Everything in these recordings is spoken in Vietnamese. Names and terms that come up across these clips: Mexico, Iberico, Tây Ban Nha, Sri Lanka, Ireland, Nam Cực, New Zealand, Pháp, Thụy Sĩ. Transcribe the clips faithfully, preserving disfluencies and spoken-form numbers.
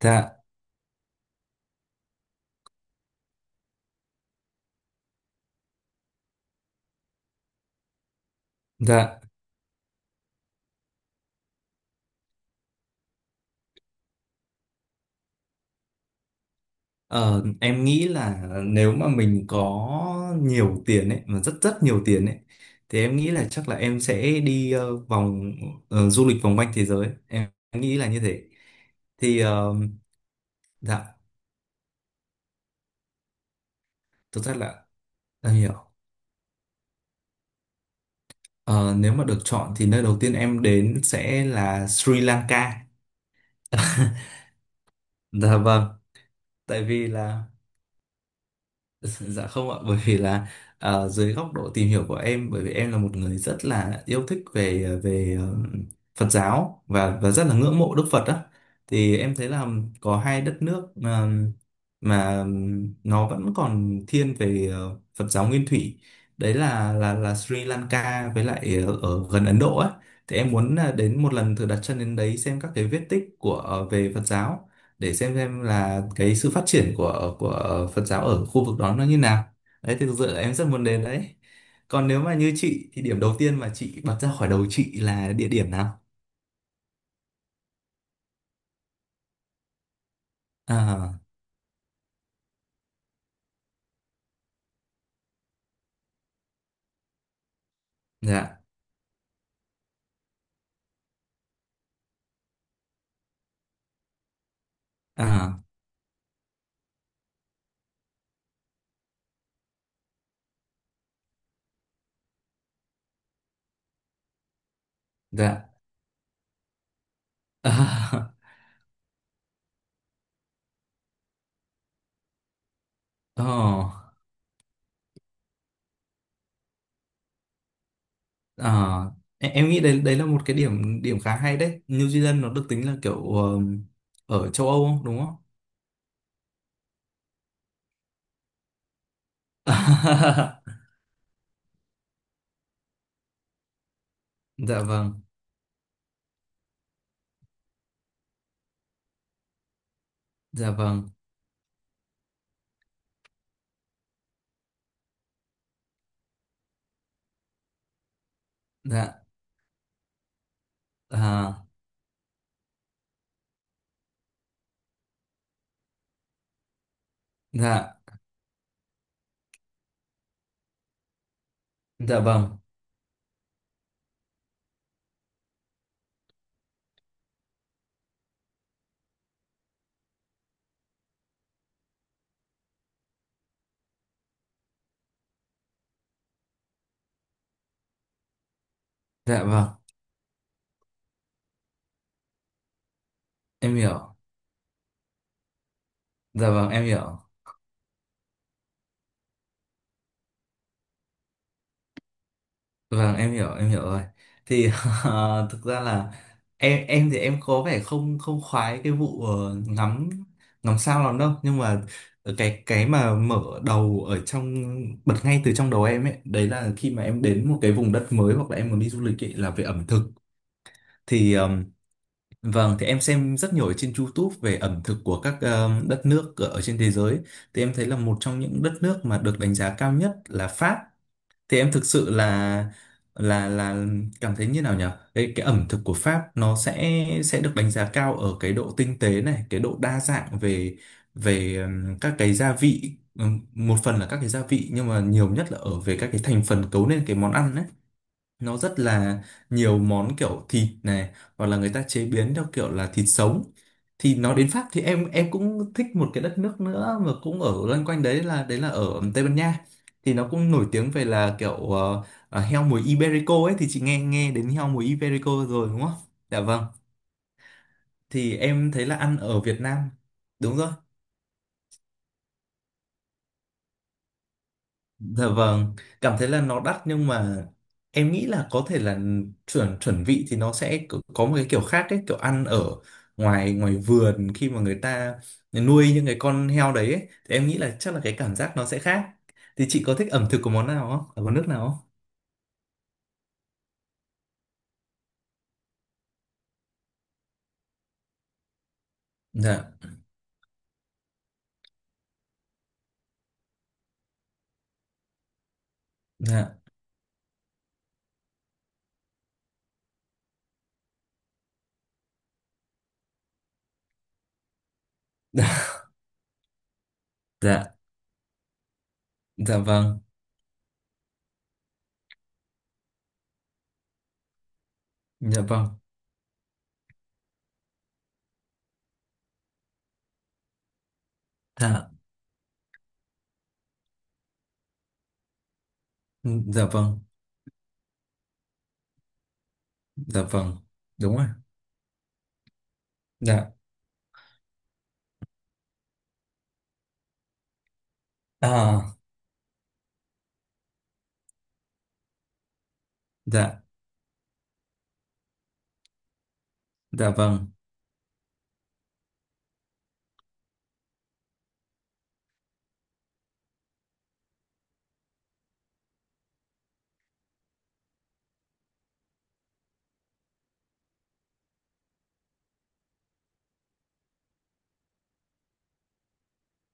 Dạ, dạ. Ờ, em nghĩ là nếu mà mình có nhiều tiền ấy, mà rất rất nhiều tiền ấy, thì em nghĩ là chắc là em sẽ đi ờ, vòng ờ, du lịch vòng quanh thế giới. Em nghĩ là như thế. Thì ờ, dạ, thực ra là em hiểu. Ờ, Nếu mà được chọn thì nơi đầu tiên em đến sẽ là Sri Lanka. Dạ vâng, tại vì là Dạ không ạ, bởi vì là ờ, dưới góc độ tìm hiểu của em, bởi vì em là một người rất là yêu thích về ờ, về ờ, Phật giáo và và rất là ngưỡng mộ Đức Phật á, thì em thấy là có hai đất nước mà mà nó vẫn còn thiên về ờ, Phật giáo nguyên thủy, đấy là là là Sri Lanka với lại ở, ở gần Ấn Độ á, thì em muốn là đến một lần thử đặt chân đến đấy xem các cái vết tích của ờ, về Phật giáo để xem xem là cái sự phát triển của của Phật giáo ở khu vực đó nó như nào. Đấy thì thực sự là em rất muốn đến đấy. Còn nếu mà như chị thì điểm đầu tiên mà chị bật ra khỏi đầu chị là địa điểm nào? À, dạ, à, dạ, à. Oh, à. Em, em nghĩ đấy đấy là một cái điểm điểm khá hay đấy. New Zealand nó được tính là kiểu ờm, ở châu Âu không đúng không? Dạ vâng, dạ vâng, dạ, à, dạ, dạ vâng, dạ vâng em hiểu. Dạ vâng em hiểu, vâng em hiểu, em hiểu rồi. Thì ờ, thực ra là em em thì em có vẻ không không khoái cái vụ ờ, ngắm ngắm sao lắm đâu, nhưng mà cái cái mà mở đầu ở trong bật ngay từ trong đầu em ấy, đấy là khi mà em đến một cái vùng đất mới hoặc là em muốn đi du lịch ấy, là về ẩm thực. Thì ờm, vâng, thì em xem rất nhiều ở trên YouTube về ẩm thực của các ờm, đất nước ở trên thế giới, thì em thấy là một trong những đất nước mà được đánh giá cao nhất là Pháp. Thì em thực sự là là là cảm thấy như nào nhỉ, cái cái ẩm thực của Pháp nó sẽ sẽ được đánh giá cao ở cái độ tinh tế này, cái độ đa dạng về về ừm, các cái gia vị. Ừm, một phần là các cái gia vị nhưng mà nhiều nhất là ở về các cái thành phần cấu nên cái món ăn ấy, nó rất là nhiều món kiểu thịt này hoặc là người ta chế biến theo kiểu là thịt sống. Thì nó đến Pháp thì em em cũng thích một cái đất nước nữa mà cũng ở loanh quanh đấy, là đấy là ở Tây Ban Nha. Thì nó cũng nổi tiếng về là kiểu ờ, ờ, heo mùi Iberico ấy, thì chị nghe nghe đến heo mùi Iberico rồi đúng không? Dạ vâng. Thì em thấy là ăn ở Việt Nam đúng rồi. Dạ vâng, cảm thấy là nó đắt nhưng mà em nghĩ là có thể là chuẩn chuẩn vị thì nó sẽ có có một cái kiểu khác ấy, kiểu ăn ở ngoài ngoài vườn khi mà người ta nuôi những cái con heo đấy ấy, thì em nghĩ là chắc là cái cảm giác nó sẽ khác. Thì chị có thích ẩm thực của món nào không? Ở món nước nào không? Dạ, dạ, dạ, dạ vâng, dạ vâng, dạ, dạ vâng, dạ vâng, đúng rồi, dạ, à, dạ, dạ vâng.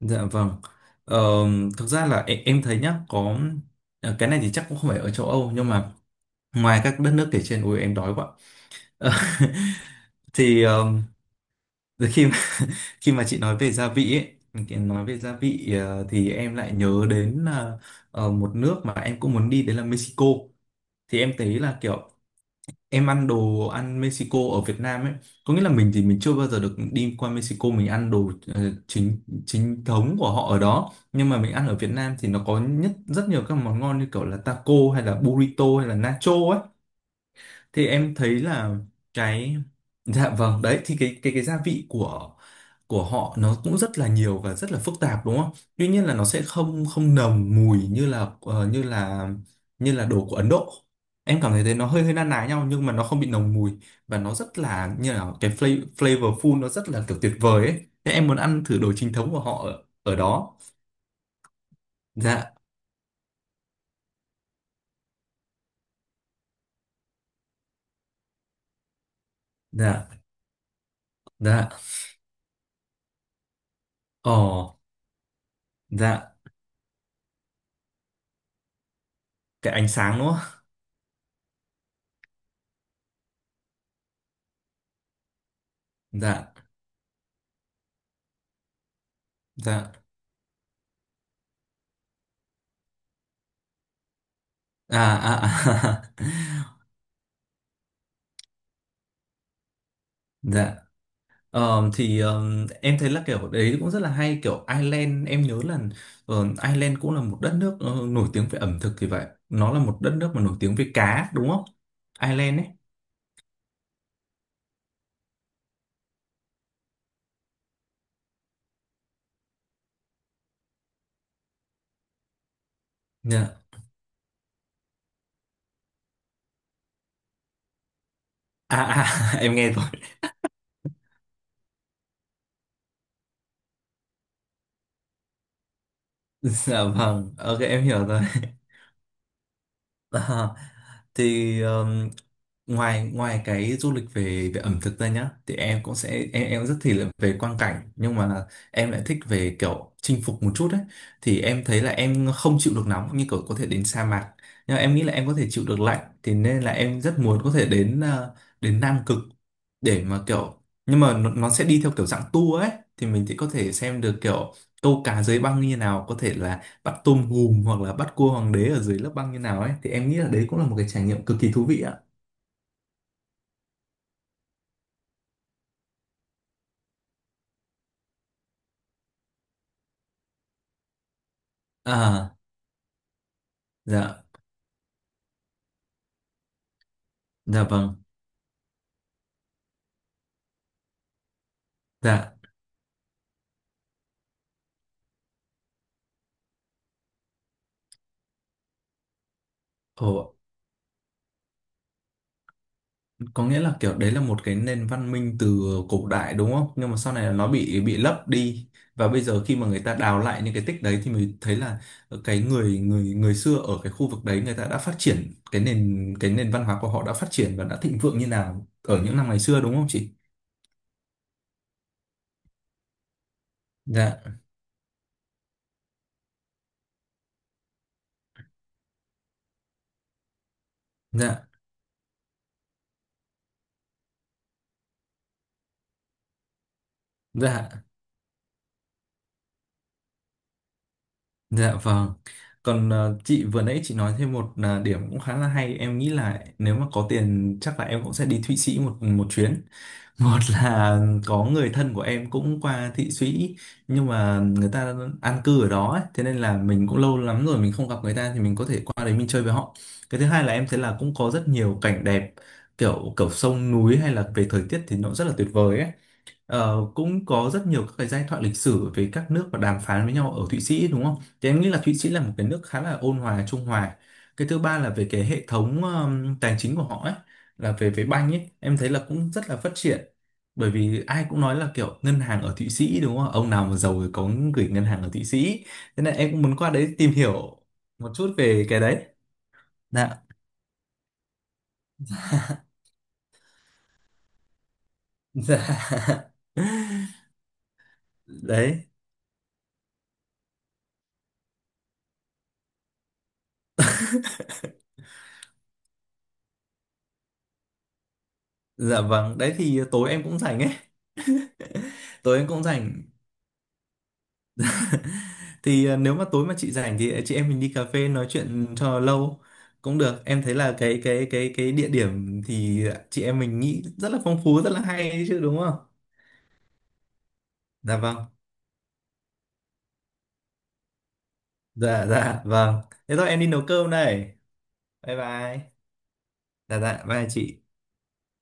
Dạ vâng. Ờ, thực ra là em, em thấy nhá, có ờ, cái này thì chắc cũng không phải ở châu Âu nhưng mà ngoài các đất nước kể trên, ui em đói quá. thì ờm, từ khi mà khi mà chị nói về gia vị ấy, thì nói về gia vị ờ, thì em lại nhớ đến ờ, ờ, một nước mà em cũng muốn đi đấy là Mexico. Thì em thấy là kiểu em ăn đồ ăn Mexico ở Việt Nam ấy, có nghĩa là mình thì mình chưa bao giờ được đi qua Mexico, mình ăn đồ ờ, chính chính thống của họ ở đó, nhưng mà mình ăn ở Việt Nam thì nó có nhất rất nhiều các món ngon như kiểu là taco hay là burrito hay là nacho ấy, thì em thấy là cái dạ vâng. Đấy thì cái cái cái gia vị của của họ nó cũng rất là nhiều và rất là phức tạp đúng không? Tuy nhiên là nó sẽ không không nồng mùi như là ờ, như là như là đồ của Ấn Độ. Em cảm thấy thế, nó hơi hơi na ná nhau nhưng mà nó không bị nồng mùi và nó rất là như là cái flavor flavorful, nó rất là kiểu tuyệt vời ấy. Thế em muốn ăn thử đồ chính thống của họ ở, ở đó. Dạ, dạ, dạ. Ồ, dạ, cái ánh sáng đúng không? Dạ, dạ. À à à Dạ. Ờ, thì ờm, em thấy là kiểu đấy cũng rất là hay, kiểu Ireland em nhớ là ờ, Ireland cũng là một đất nước ờ, nổi tiếng về ẩm thực, thì vậy nó là một đất nước mà nổi tiếng về cá đúng không, Ireland ấy. Dạ. À, à em nghe rồi, dạ vâng, ok em hiểu rồi. À, thì um, ngoài ngoài cái du lịch về về ẩm thực ra nhá, thì em cũng sẽ em em rất thích là về quang cảnh, nhưng mà em lại thích về kiểu chinh phục một chút ấy. Thì em thấy là em không chịu được nóng, như kiểu có thể đến sa mạc, nhưng mà em nghĩ là em có thể chịu được lạnh, thì nên là em rất muốn có thể đến ờ, đến Nam Cực. Để mà kiểu nhưng mà nó, nó sẽ đi theo kiểu dạng tour ấy, thì mình sẽ có thể xem được kiểu câu cá dưới băng như nào, có thể là bắt tôm hùm hoặc là bắt cua hoàng đế ở dưới lớp băng như nào ấy, thì em nghĩ là đấy cũng là một cái trải nghiệm cực kỳ thú vị ạ. À, dạ, dạ vâng, dạ. Ồ, có nghĩa là kiểu đấy là một cái nền văn minh từ cổ đại đúng không, nhưng mà sau này là nó bị bị lấp đi, và bây giờ khi mà người ta đào lại những cái tích đấy thì mới thấy là cái người người người xưa ở cái khu vực đấy, người ta đã phát triển cái nền cái nền văn hóa của họ, đã phát triển và đã thịnh vượng như nào ở những năm ngày xưa đúng không chị? Dạ, dạ, dạ. Dạ vâng. Còn ờ, chị vừa nãy chị nói thêm một là điểm cũng khá là hay. Em nghĩ là nếu mà có tiền chắc là em cũng sẽ đi Thụy Sĩ một một chuyến. Một là có người thân của em cũng qua Thụy Sĩ nhưng mà người ta an cư ở đó ấy. Thế nên là mình cũng lâu lắm rồi mình không gặp người ta, thì mình có thể qua đấy mình chơi với họ. Cái thứ hai là em thấy là cũng có rất nhiều cảnh đẹp, kiểu kiểu sông núi hay là về thời tiết thì nó rất là tuyệt vời ấy. Ờ, cũng có rất nhiều các cái giai thoại lịch sử về các nước và đàm phán với nhau ở Thụy Sĩ đúng không? Thì em nghĩ là Thụy Sĩ là một cái nước khá là ôn hòa, trung hòa. Cái thứ ba là về cái hệ thống ừm, tài chính của họ ấy, là về về banh ấy, em thấy là cũng rất là phát triển. Bởi vì ai cũng nói là kiểu ngân hàng ở Thụy Sĩ đúng không? Ông nào mà giàu thì có gửi ngân hàng ở Thụy Sĩ. Thế nên em cũng muốn qua đấy tìm hiểu một chút về cái đấy. Dạ. Dạ. Đấy. Dạ vâng, đấy thì tối em cũng rảnh ấy. Tối em cũng rảnh, thì à, nếu mà tối mà chị rảnh thì ờ, chị em mình đi cà phê nói chuyện cho lâu cũng được. Em thấy là cái cái cái cái địa điểm thì chị em mình nghĩ rất là phong phú, rất là hay đấy chứ đúng không? Dạ vâng, dạ, dạ vâng. Thế thôi em đi nấu cơm đây. Bye bye. Dạ, dạ bye chị.